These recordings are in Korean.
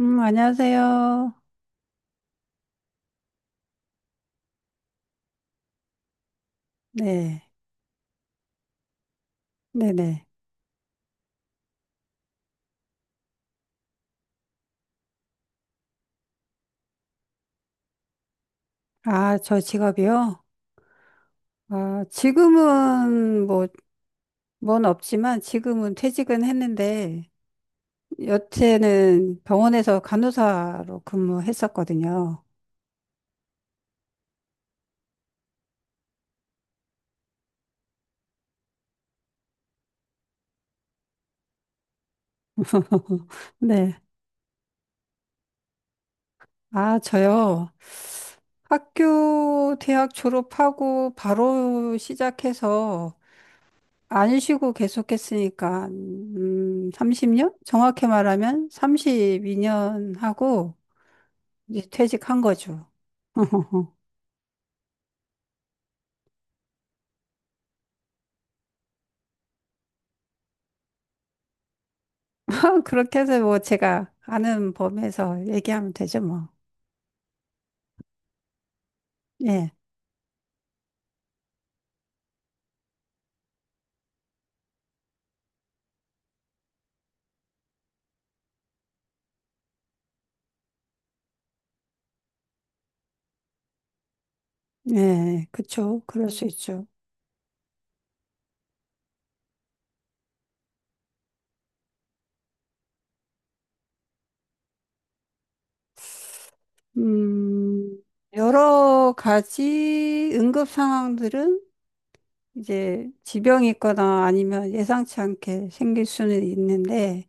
안녕하세요. 네, 네네. 아, 저 직업이요? 아, 지금은 뭐, 뭔 없지만 지금은 퇴직은 했는데, 여태는 병원에서 간호사로 근무했었거든요. 네. 아, 저요. 학교, 대학 졸업하고 바로 시작해서 안 쉬고 계속했으니까, 30년? 정확히 말하면 32년 하고, 이제 퇴직한 거죠. 어허. 그렇게 해서 뭐 제가 아는 범위에서 얘기하면 되죠, 뭐. 예, 예, 그쵸. 그럴 수 있죠. 음, 여러 가지 응급 상황들은 이제 지병이 있거나 아니면 예상치 않게 생길 수는 있는데,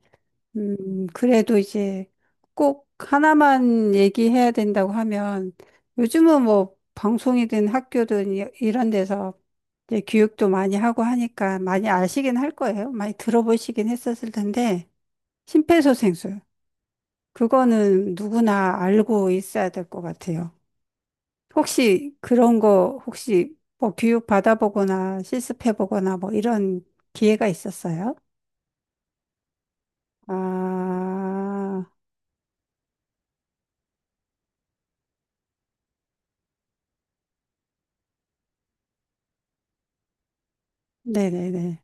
그래도 이제 꼭 하나만 얘기해야 된다고 하면 요즘은 뭐 방송이든 학교든 이런 데서 이제 교육도 많이 하고 하니까 많이 아시긴 할 거예요. 많이 들어보시긴 했었을 텐데 심폐소생술 그거는 누구나 알고 있어야 될 것 같아요. 혹시 그런 거 혹시 뭐 교육 받아보거나 실습해보거나 뭐 이런 기회가 있었어요? 아, 네네네.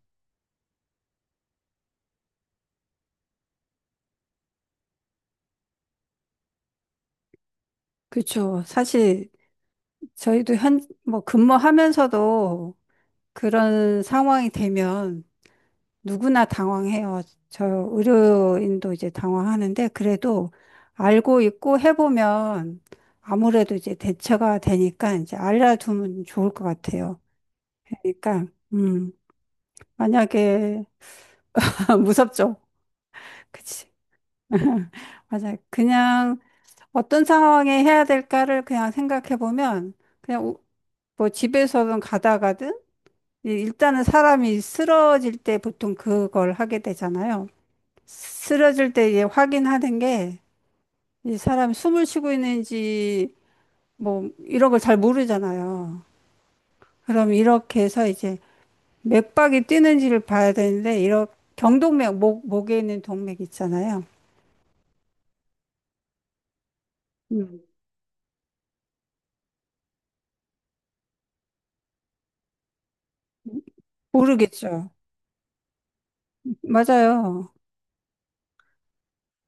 그렇죠. 사실 저희도 뭐 근무하면서도 그런 상황이 되면 누구나 당황해요. 저 의료인도 이제 당황하는데 그래도 알고 있고 해보면 아무래도 이제 대처가 되니까 이제 알려두면 좋을 것 같아요. 그러니까 음, 만약에 무섭죠. 그치. 맞아요. 그냥 어떤 상황에 해야 될까를 그냥 생각해 보면 그냥 뭐 집에서든 가다가든 예, 일단은 사람이 쓰러질 때 보통 그걸 하게 되잖아요. 쓰러질 때 이제 확인하는 게 이 사람이 숨을 쉬고 있는지 뭐 이런 걸 잘 모르잖아요. 그럼 이렇게 해서 이제 맥박이 뛰는지를 봐야 되는데 이런 경동맥 목 목에 있는 동맥 있잖아요. 음. 모르겠죠. 맞아요.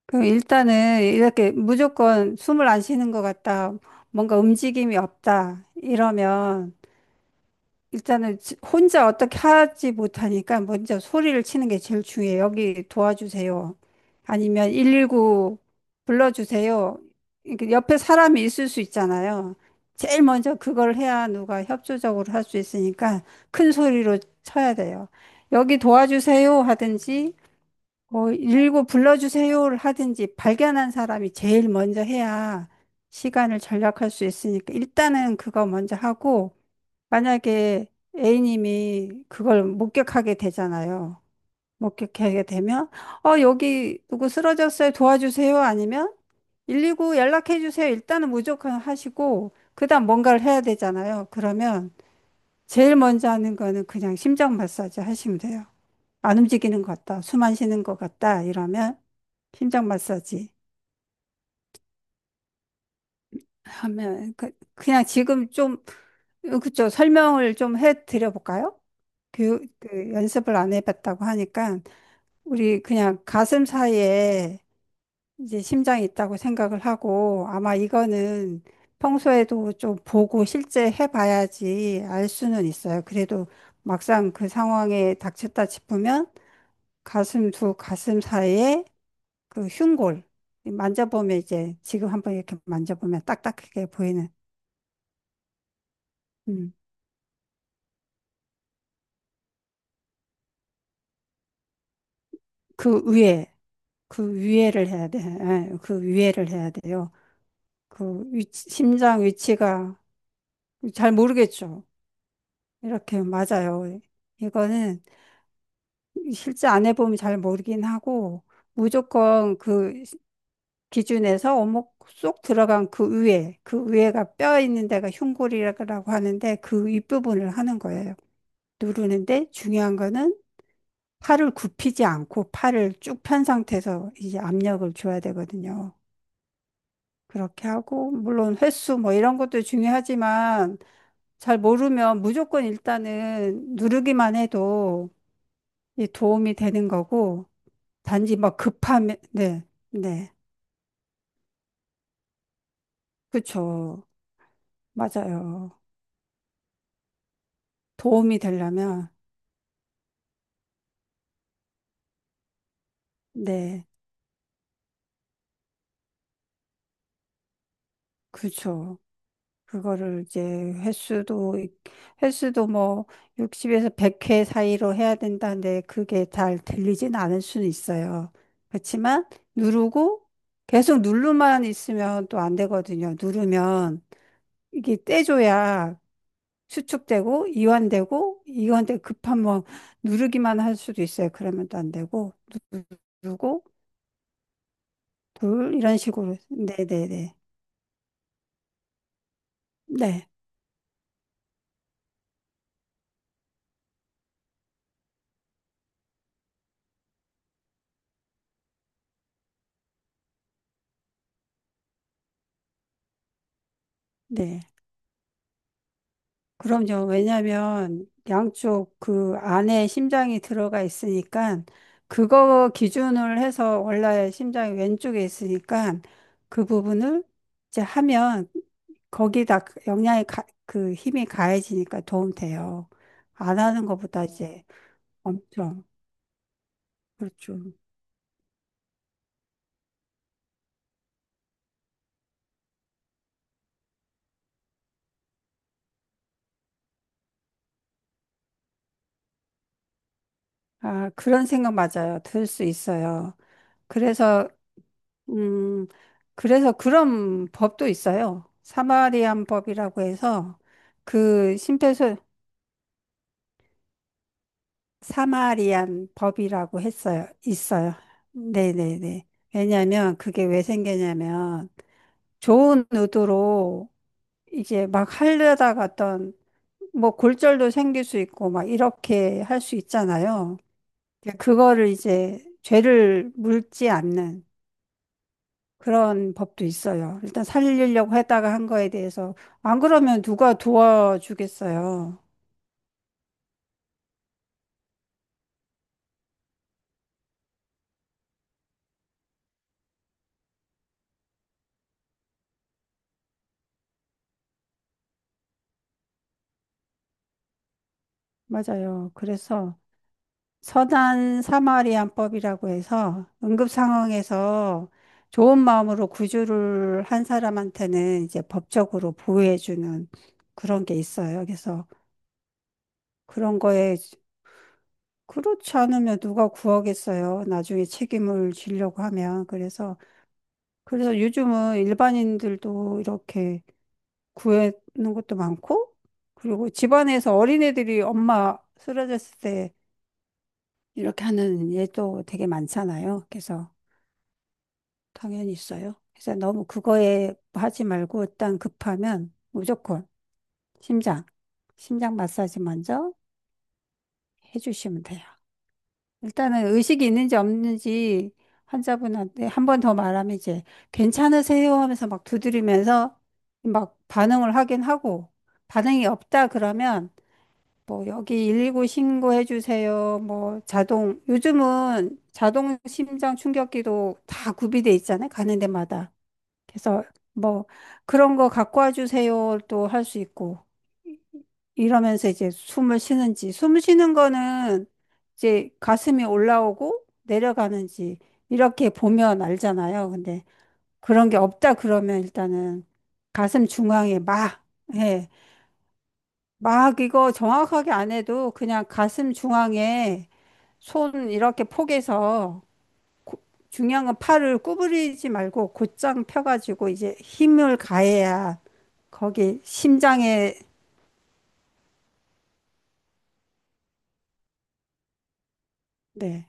그럼 일단은 이렇게 무조건 숨을 안 쉬는 것 같다. 뭔가 움직임이 없다. 이러면 일단은 혼자 어떻게 하지 못하니까 먼저 소리를 치는 게 제일 중요해요. 여기 도와주세요. 아니면 119 불러주세요. 이렇게 옆에 사람이 있을 수 있잖아요. 제일 먼저 그걸 해야 누가 협조적으로 할 수 있으니까 큰 소리로 쳐야 돼요. 여기 도와주세요 하든지, 뭐, 119 불러주세요를 하든지 발견한 사람이 제일 먼저 해야 시간을 절약할 수 있으니까 일단은 그거 먼저 하고, 만약에 A님이 그걸 목격하게 되잖아요. 목격하게 되면, 어, 여기 누구 쓰러졌어요? 도와주세요? 아니면 119 연락해 주세요. 일단은 무조건 하시고, 그다음 뭔가를 해야 되잖아요. 그러면 제일 먼저 하는 거는 그냥 심장 마사지 하시면 돼요. 안 움직이는 것 같다. 숨 안 쉬는 것 같다. 이러면 심장 마사지 하면, 그냥 지금 좀, 그쵸. 설명을 좀 해 드려볼까요? 교육, 그 연습을 안 해봤다고 하니까 우리 그냥 가슴 사이에 이제 심장이 있다고 생각을 하고 아마 이거는 평소에도 좀 보고 실제 해봐야지 알 수는 있어요. 그래도 막상 그 상황에 닥쳤다 싶으면 가슴 사이에 그 흉골 만져보면 이제 지금 한번 이렇게 만져보면 딱딱하게 보이는 음, 그 위에 그 위에를 해야 돼. 예, 그 위에를 해야 돼요. 그 위치, 심장 위치가 잘 모르겠죠. 이렇게 맞아요. 이거는 실제 안 해보면 잘 모르긴 하고 무조건 그 기준에서 오목 쏙 들어간 그 위에 그 위에가 뼈 있는 데가 흉골이라고 하는데 그 윗부분을 하는 거예요. 누르는데 중요한 거는 팔을 굽히지 않고 팔을 쭉 편 상태에서 이제 압력을 줘야 되거든요. 그렇게 하고 물론 횟수 뭐 이런 것도 중요하지만 잘 모르면 무조건 일단은 누르기만 해도 이 도움이 되는 거고, 단지 막 급하면, 네, 네, 그쵸. 맞아요. 도움이 되려면, 네, 그쵸. 그거를 이제 횟수도 뭐 60에서 100회 사이로 해야 된다는데 그게 잘 들리진 않을 수는 있어요. 그렇지만 누르고 계속 누르만 있으면 또 안 되거든요. 누르면 이게 떼줘야 수축되고 이완되고 이완돼 급한 뭐 누르기만 할 수도 있어요. 그러면 또 안 되고 누르고 둘 이런 식으로 네네네 네 네. 네, 네. 그럼요. 왜냐하면 양쪽 그 안에 심장이 들어가 있으니까 그거 기준을 해서 원래 심장이 왼쪽에 있으니까 그 부분을 이제 하면 거기다 영향이 가, 그 힘이 가해지니까 도움 돼요. 안 하는 것보다 이제 엄청 그렇죠. 아, 그런 생각 맞아요. 들 수 있어요. 그래서, 음, 그래서 그런 법도 있어요. 사마리안 법이라고 해서 그 심폐소, 사마리안 법이라고 했어요. 있어요. 네네네. 왜냐면 그게 왜 생기냐면 좋은 의도로 이제 막 하려다가 어떤 뭐 골절도 생길 수 있고 막 이렇게 할 수 있잖아요. 그러니까 그거를 이제 죄를 묻지 않는 그런 법도 있어요. 일단 살리려고 했다가 한 거에 대해서 안 그러면 누가 도와주겠어요. 맞아요. 그래서 선한 사마리안법이라고 해서 응급 상황에서 좋은 마음으로 구조를 한 사람한테는 이제 법적으로 보호해주는 그런 게 있어요. 그래서 그런 거에 그렇지 않으면 누가 구하겠어요. 나중에 책임을 지려고 하면. 그래서 요즘은 일반인들도 이렇게 구하는 것도 많고, 그리고 집안에서 어린애들이 엄마 쓰러졌을 때 이렇게 하는 예도 되게 많잖아요. 그래서 당연히 있어요. 그래서 너무 그거에 하지 말고 일단 급하면 무조건 심장, 심장 마사지 먼저 해주시면 돼요. 일단은 의식이 있는지 없는지 환자분한테 한 번 더 말하면 이제 괜찮으세요 하면서 막 두드리면서 막 반응을 하긴 하고 반응이 없다 그러면 뭐 여기 119 신고해 주세요. 뭐 자동 요즘은 자동 심장 충격기도 다 구비돼 있잖아요. 가는 데마다. 그래서 뭐 그런 거 갖고 와 주세요. 또 할 수 있고 이러면서 이제 숨을 쉬는지 숨 쉬는 거는 이제 가슴이 올라오고 내려가는지 이렇게 보면 알잖아요. 근데 그런 게 없다 그러면 일단은 가슴 중앙에 막 예. 막 이거 정확하게 안 해도 그냥 가슴 중앙에 손 이렇게 포개서 중요한 건 팔을 구부리지 말고 곧장 펴가지고 이제 힘을 가해야 거기 심장에 네,